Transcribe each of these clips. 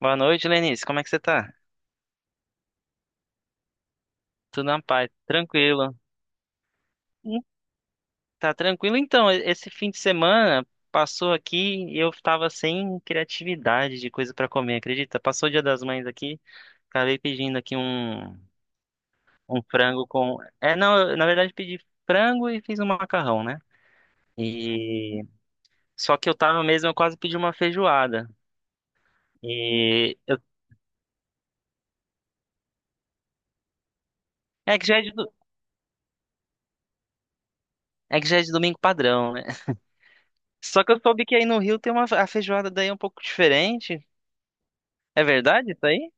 Boa noite, Lenice. Como é que você tá? Tudo na paz, tranquilo. Hum, Tá tranquilo? Então, esse fim de semana passou aqui e eu tava sem criatividade de coisa pra comer, acredita? Passou o Dia das Mães aqui, acabei pedindo aqui um frango com. É, não, eu, na verdade pedi frango e fiz um macarrão, né? E só que eu tava mesmo, eu quase pedi uma feijoada. E eu... é que já é de... do- É que já é de domingo padrão, né? Só que eu soube que aí no Rio tem uma a feijoada daí é um pouco diferente. É verdade isso aí?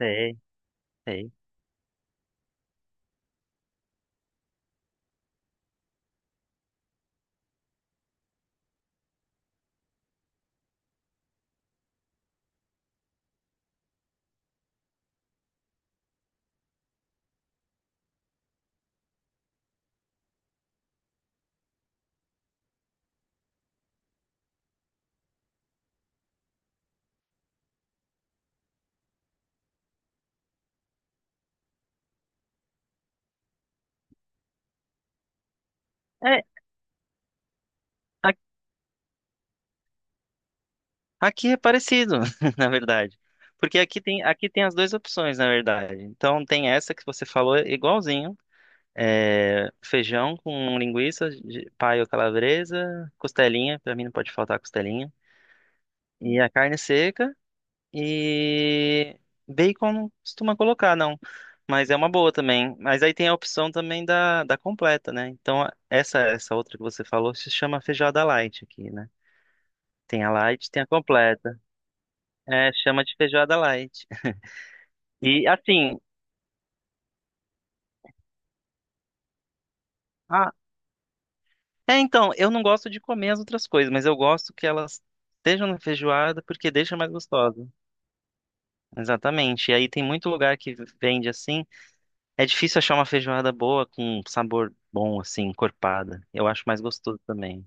Sei, sei. É, a- aqui é parecido, na verdade. Porque aqui tem as duas opções, na verdade. Então tem essa que você falou é igualzinho. É, feijão com linguiça, paio calabresa, costelinha, pra mim não pode faltar costelinha. E a carne seca e bacon não costuma colocar, não. Mas é uma boa também. Mas aí tem a opção também da completa, né? Então essa outra que você falou se chama feijoada light aqui, né? Tem a light, tem a completa. É, chama de feijoada light. E assim, ah, é então, eu não gosto de comer as outras coisas, mas eu gosto que elas estejam na feijoada porque deixa mais gostosa. Exatamente. E aí tem muito lugar que vende assim. É difícil achar uma feijoada boa com sabor bom, assim, encorpada. Eu acho mais gostoso também.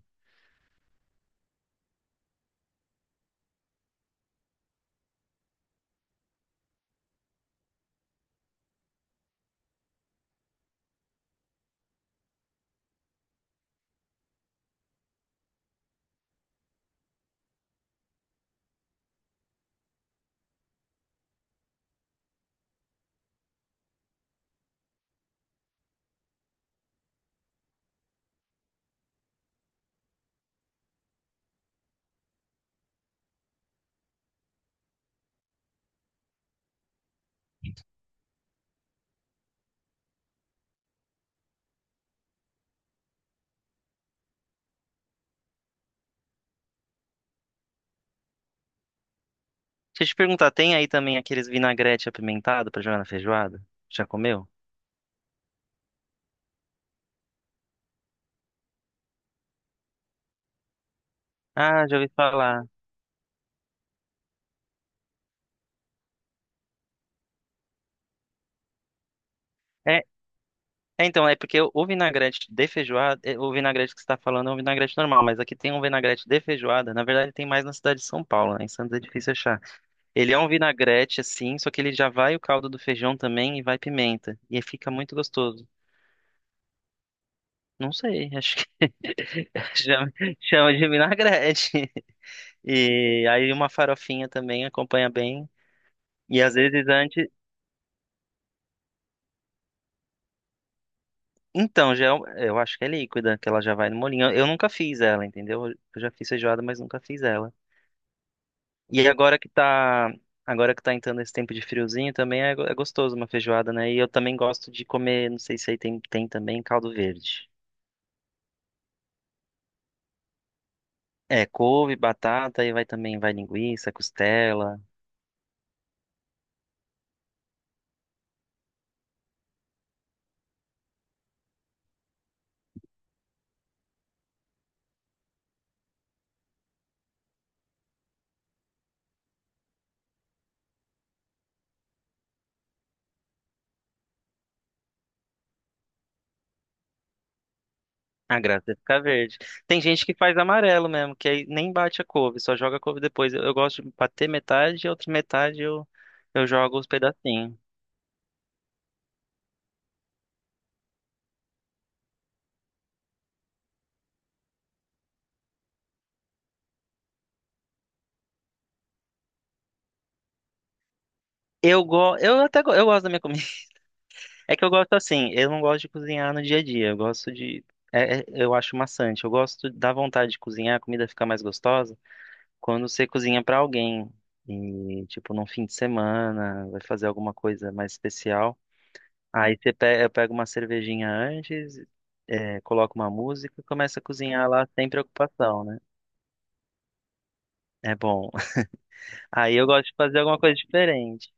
Deixa eu te perguntar, tem aí também aqueles vinagrete apimentado pra jogar na feijoada? Já comeu? Ah, já ouvi falar. É, é, então, é porque o vinagrete de feijoada, é, o vinagrete que você está falando é um vinagrete normal, mas aqui tem um vinagrete de feijoada. Na verdade, tem mais na cidade de São Paulo, né? Em Santos é difícil achar. Ele é um vinagrete assim, só que ele já vai o caldo do feijão também e vai pimenta. E aí fica muito gostoso. Não sei, acho que chama, chama de vinagrete. E aí uma farofinha também acompanha bem. E às vezes antes. Então, já, é eu acho que é líquida, que ela já vai no molinho. Eu nunca fiz ela, entendeu? Eu já fiz feijoada, mas nunca fiz ela. E agora que tá entrando esse tempo de friozinho, também é, é gostoso uma feijoada, né? E eu também gosto de comer, não sei se aí tem, também caldo verde. É, couve, batata, e vai também, vai linguiça, costela. A graça é ficar verde. Tem gente que faz amarelo mesmo, que aí nem bate a couve, só joga a couve depois. Eu gosto de bater metade, e a outra metade eu jogo os pedacinhos. Eu, go eu até go eu gosto da minha comida. É que eu gosto assim, eu não gosto de cozinhar no dia a dia, eu gosto de. Eu acho maçante, eu gosto da vontade de cozinhar, a comida fica mais gostosa quando você cozinha pra alguém. E, tipo, num fim de semana, vai fazer alguma coisa mais especial. Aí você pega, eu pego uma cervejinha antes, é, coloco uma música e começa a cozinhar lá sem preocupação, né? É bom. Aí eu gosto de fazer alguma coisa diferente.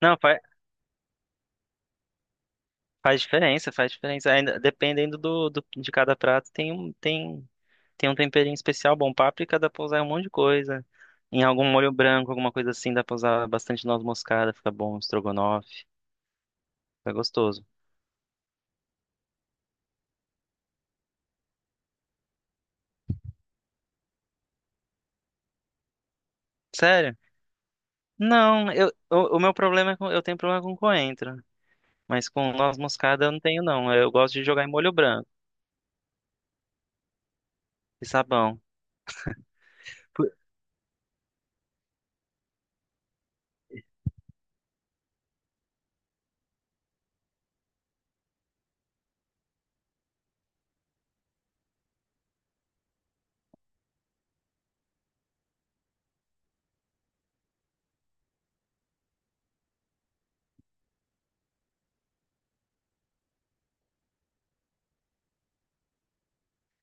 Não, faz diferença, faz diferença. Ainda, dependendo de cada prato, tem um temperinho especial bom. Páprica dá pra usar em um monte de coisa. Em algum molho branco, alguma coisa assim, dá pra usar bastante noz moscada, fica bom, estrogonofe, fica gostoso. Sério? Não, eu, o meu problema é com, eu tenho problema com coentro, mas com noz moscada eu não tenho não. Eu gosto de jogar em molho branco e sabão. Por-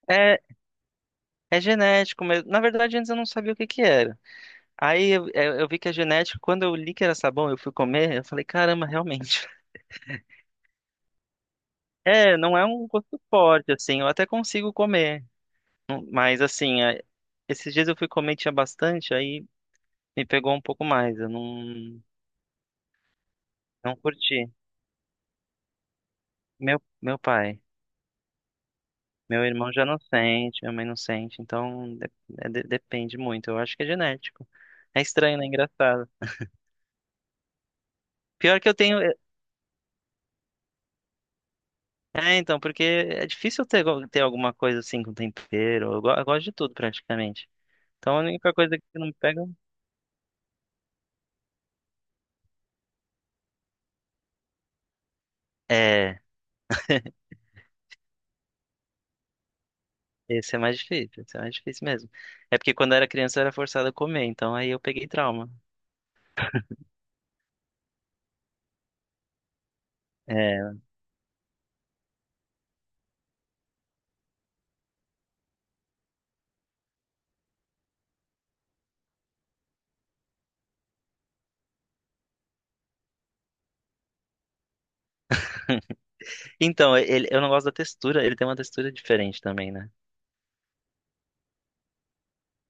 É, é genético mesmo. Na verdade, antes eu não sabia o que que era. Aí eu vi que é genético, quando eu li que era sabão, eu fui comer, eu falei, caramba, realmente. É, não é um gosto forte, assim, eu até consigo comer. Mas assim, esses dias eu fui comer, tinha bastante, aí me pegou um pouco mais, eu não, não curti. Meu pai, meu irmão já não sente, minha mãe não sente, então depende muito, eu acho que é genético. É estranho, né? Engraçado. Pior que eu tenho. É, é, então, porque é difícil ter, alguma coisa assim com tempero. Eu gosto de tudo praticamente. Então a única coisa que não me pega é. Esse é mais difícil, esse é mais difícil mesmo. É porque quando eu era criança eu era forçada a comer, então aí eu peguei trauma. É. Então, ele, eu não gosto da textura, ele tem uma textura diferente também, né?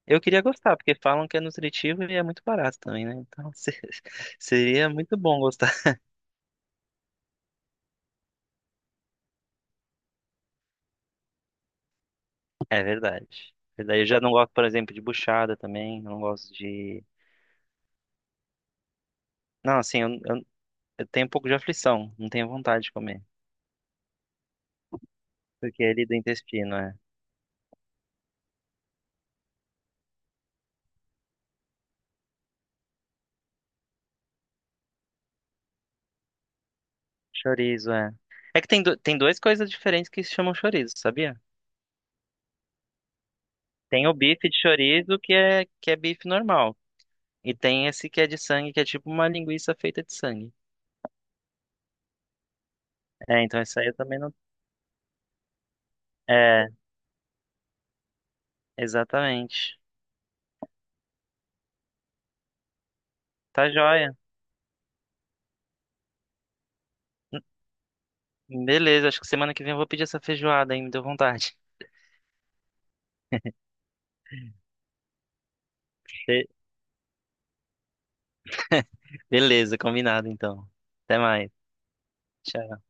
Eu queria gostar, porque falam que é nutritivo e é muito barato também, né? Então seria muito bom gostar. É verdade. Verdade. Eu já não gosto, por exemplo, de buchada também, eu não gosto de. Não, assim, eu tenho um pouco de aflição, não tenho vontade de comer, porque é ali do intestino, é. Chorizo, é. É que tem duas coisas diferentes que se chamam chorizo, sabia? Tem o bife de chorizo, que é bife normal. E tem esse que é de sangue, que é tipo uma linguiça feita de sangue. É, então essa aí eu também não. É, exatamente. Tá joia. Beleza, acho que semana que vem eu vou pedir essa feijoada aí, me deu vontade. Be- Beleza, combinado então. Até mais. Tchau.